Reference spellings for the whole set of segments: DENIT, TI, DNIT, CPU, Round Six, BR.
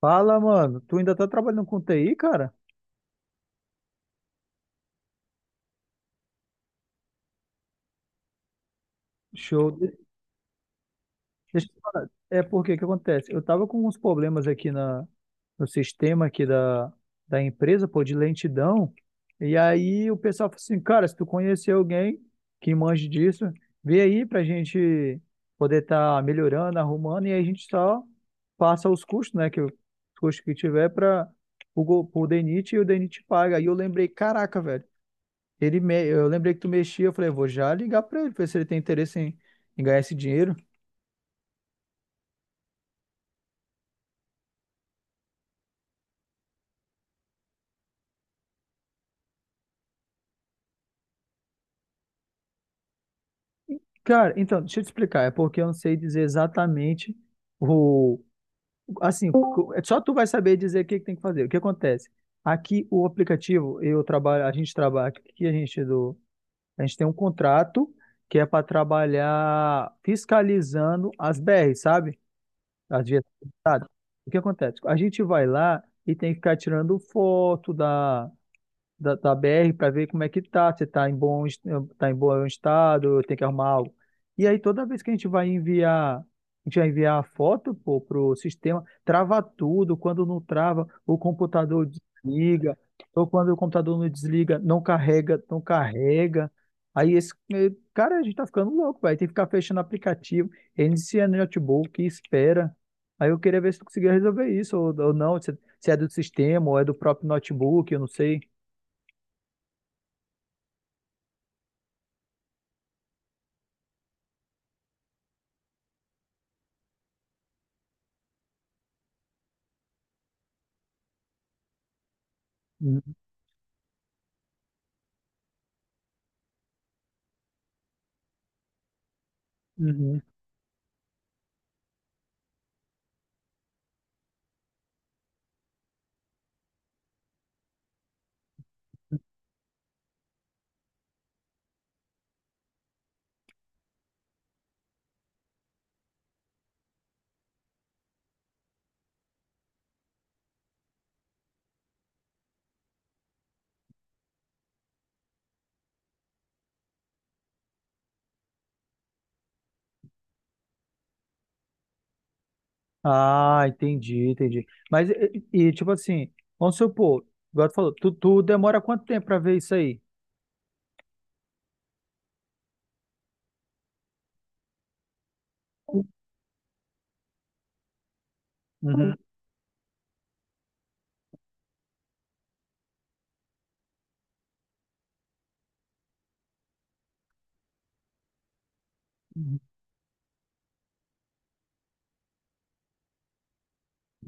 Fala, mano. Tu ainda tá trabalhando com TI, cara? Show. Deixa eu te falar. É porque que acontece? Eu tava com uns problemas no sistema da empresa, pô, de lentidão. E aí o pessoal falou assim, cara, se tu conhecer alguém que manje disso, vê aí pra gente poder estar melhorando, arrumando, e aí a gente só passa os custos, né? Os custos que tiver para o DENIT e o DENIT paga. Aí eu lembrei, caraca, velho. Eu lembrei que tu mexia, eu falei, eu vou já ligar pra ele, ver se ele tem interesse em ganhar esse dinheiro. Cara, então, deixa eu te explicar, é porque eu não sei dizer exatamente o. Assim, só tu vai saber dizer o que que tem que fazer. O que acontece? Aqui o aplicativo, a gente trabalha, aqui a gente do, a gente tem um contrato que é para trabalhar fiscalizando as BR, sabe? As vias do estado. O que acontece? A gente vai lá e tem que ficar tirando foto da BR para ver como é que tá, se tá em bom, es- tá em bom estado, tem que arrumar algo. E aí toda vez que a gente vai enviar, pô, pro sistema, trava tudo, quando não trava, o computador desliga, ou quando o computador não desliga, não carrega, não carrega. Cara, a gente tá ficando louco, vai tem que ficar fechando aplicativo, inicia no notebook, espera. Aí eu queria ver se tu conseguia resolver isso ou não, se é do sistema ou é do próprio notebook, eu não sei. Uhum. Ah, entendi, entendi. Mas, e, tipo assim, vamos supor, igual tu falou, tu demora quanto tempo pra ver isso aí? Uhum.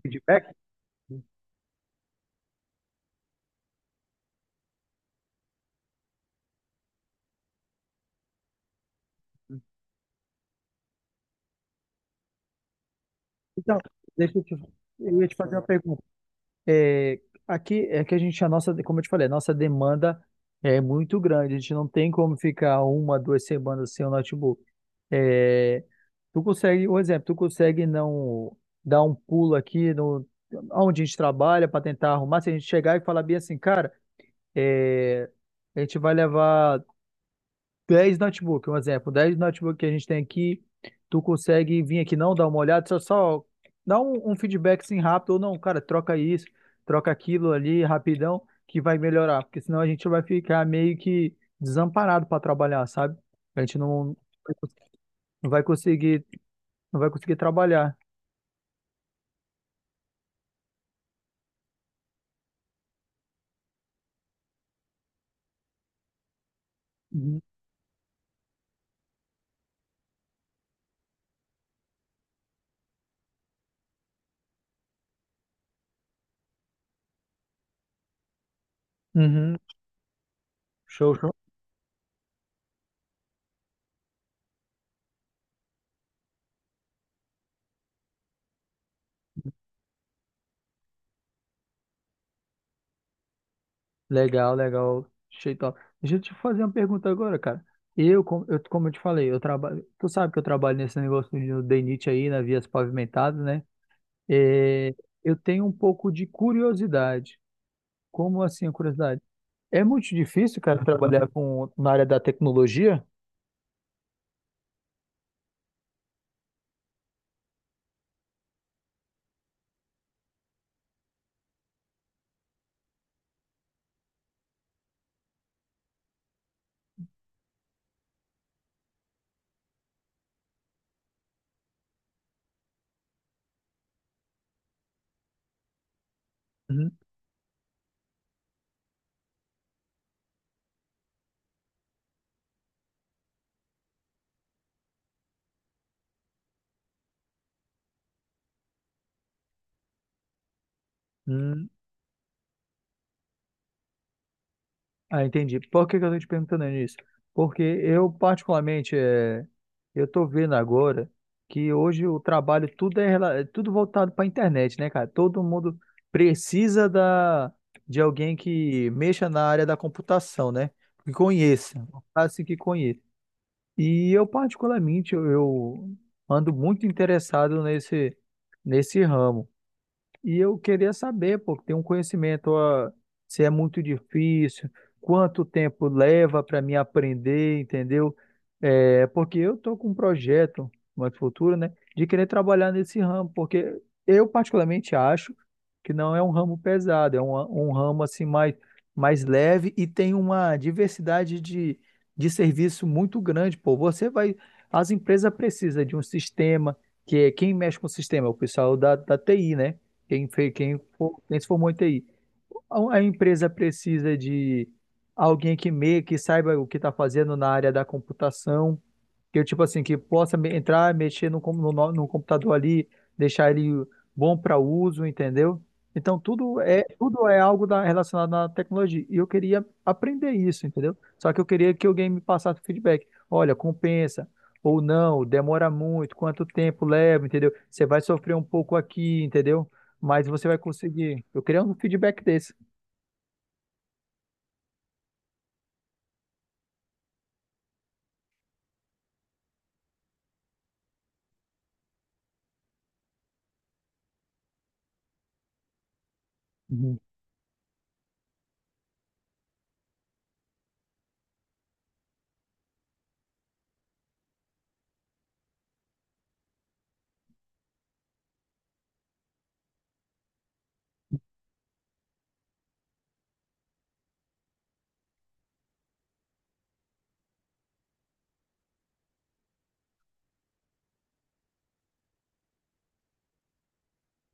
Feedback? Então, deixa eu te, eu ia te fazer uma pergunta. É, aqui é que a gente, a nossa, como eu te falei, a nossa demanda é muito grande. A gente não tem como ficar uma, duas semanas sem o notebook. É, tu consegue, um exemplo, tu consegue não dar um pulo aqui no, onde a gente trabalha para tentar arrumar, se a gente chegar e falar bem assim, cara. É, a gente vai levar 10 notebook, um exemplo, 10 notebook que a gente tem aqui, tu consegue vir aqui não, dar uma olhada, só dá um feedback assim rápido, ou não, cara, troca isso, troca aquilo ali rapidão, que vai melhorar, porque senão a gente vai ficar meio que desamparado para trabalhar, sabe? A gente não, não vai conseguir, não vai conseguir trabalhar. Uhum. Uhum. Show, show. Legal, legal. Achei top. Deixa eu te fazer uma pergunta agora, cara. Como eu te falei, eu trabalho. Tu sabe que eu trabalho nesse negócio de DNIT aí, nas vias pavimentadas, né? É, eu tenho um pouco de curiosidade. Como assim, a curiosidade? É muito difícil, cara, na área da tecnologia? Uhum. Hum, ah, entendi. Por que que eu tô te perguntando isso? Porque eu, particularmente, eu tô vendo agora que hoje o trabalho tudo é, é tudo voltado para a internet, né, cara? Todo mundo precisa da, de alguém que mexa na área da computação, né? Que conheça, assim que conheça. E eu, particularmente, eu ando muito interessado nesse ramo. E eu queria saber, pô, tem um conhecimento, ó, se é muito difícil, quanto tempo leva para mim aprender, entendeu? É, porque eu tô com um projeto no futuro, né, de querer trabalhar nesse ramo, porque eu particularmente acho que não é um ramo pesado, um ramo assim mais leve e tem uma diversidade de serviço muito grande, pô. Você vai, as empresas precisam de um sistema, que é quem mexe com o sistema, é o pessoal da TI, né? Quem se formou em TI. A empresa precisa de alguém que meio que saiba o que está fazendo na área da computação, que eu, tipo assim, que possa me- entrar, mexer no, com- no, no- no computador ali, deixar ele bom para uso, entendeu? Então tudo é algo relacionado à tecnologia. E eu queria aprender isso, entendeu? Só que eu queria que alguém me passasse feedback. Olha, compensa ou não, demora muito, quanto tempo leva, entendeu? Você vai sofrer um pouco aqui, entendeu? Mas você vai conseguir. Eu queria um feedback desse. Uhum.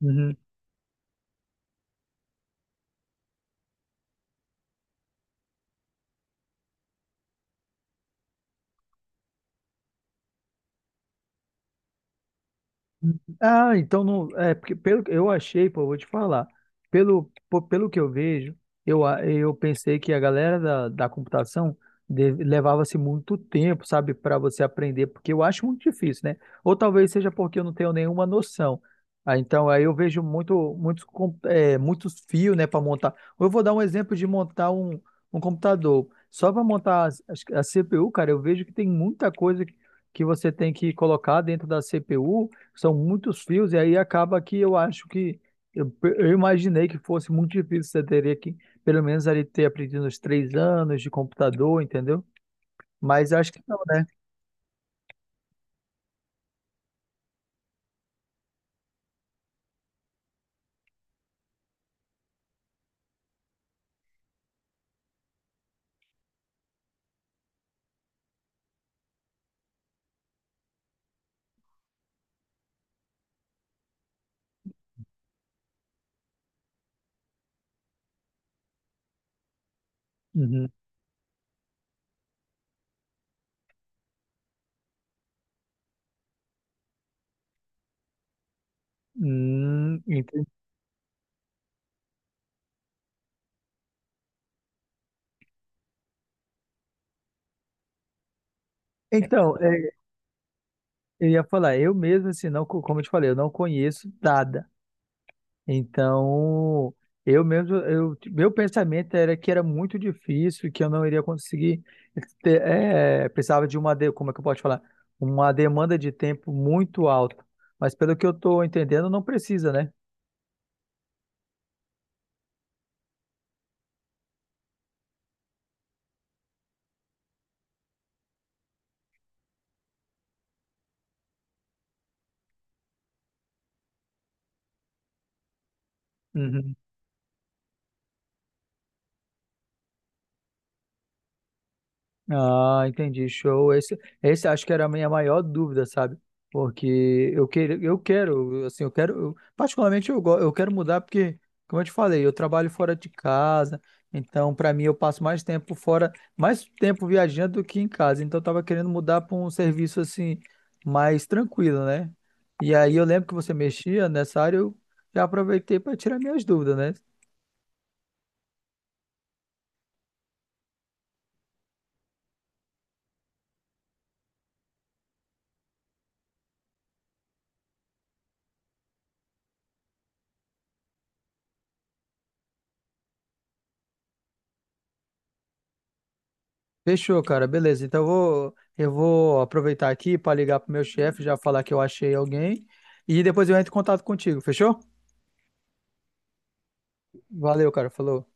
Uhum. Ah, então não. É, porque pelo eu achei, pô, eu vou te falar. Pelo que eu vejo, eu pensei que a galera da computação levava-se muito tempo, sabe, para você aprender, porque eu acho muito difícil, né? Ou talvez seja porque eu não tenho nenhuma noção. Ah, então, aí eu vejo muitos fios, né, para montar. Eu vou dar um exemplo de montar um computador. Só para montar a CPU, cara, eu vejo que tem muita coisa que você tem que colocar dentro da CPU são muitos fios, e aí acaba que eu acho que eu imaginei que fosse muito difícil. Você teria que, pelo menos, ali ter aprendido uns três anos de computador, entendeu? Mas acho que não, né? Uhum. Entendi. Então, é, eu ia falar, eu mesmo, assim, não, como eu te falei, eu não conheço nada. Então, meu pensamento era que era muito difícil, que eu não iria conseguir precisava como é que eu posso falar? Uma demanda de tempo muito alta. Mas pelo que eu estou entendendo, não precisa, né? Ah, entendi, show. Esse acho que era a minha maior dúvida, sabe? Porque eu quero, assim, particularmente eu quero mudar porque, como eu te falei, eu trabalho fora de casa, então para mim eu passo mais tempo fora, mais tempo viajando do que em casa. Então eu tava querendo mudar para um serviço assim mais tranquilo, né? E aí eu lembro que você mexia nessa área, eu já aproveitei para tirar minhas dúvidas, né? Fechou, cara. Beleza. Então eu vou aproveitar aqui para ligar pro meu chefe, já falar que eu achei alguém e depois eu entro em contato contigo. Fechou? Valeu, cara. Falou.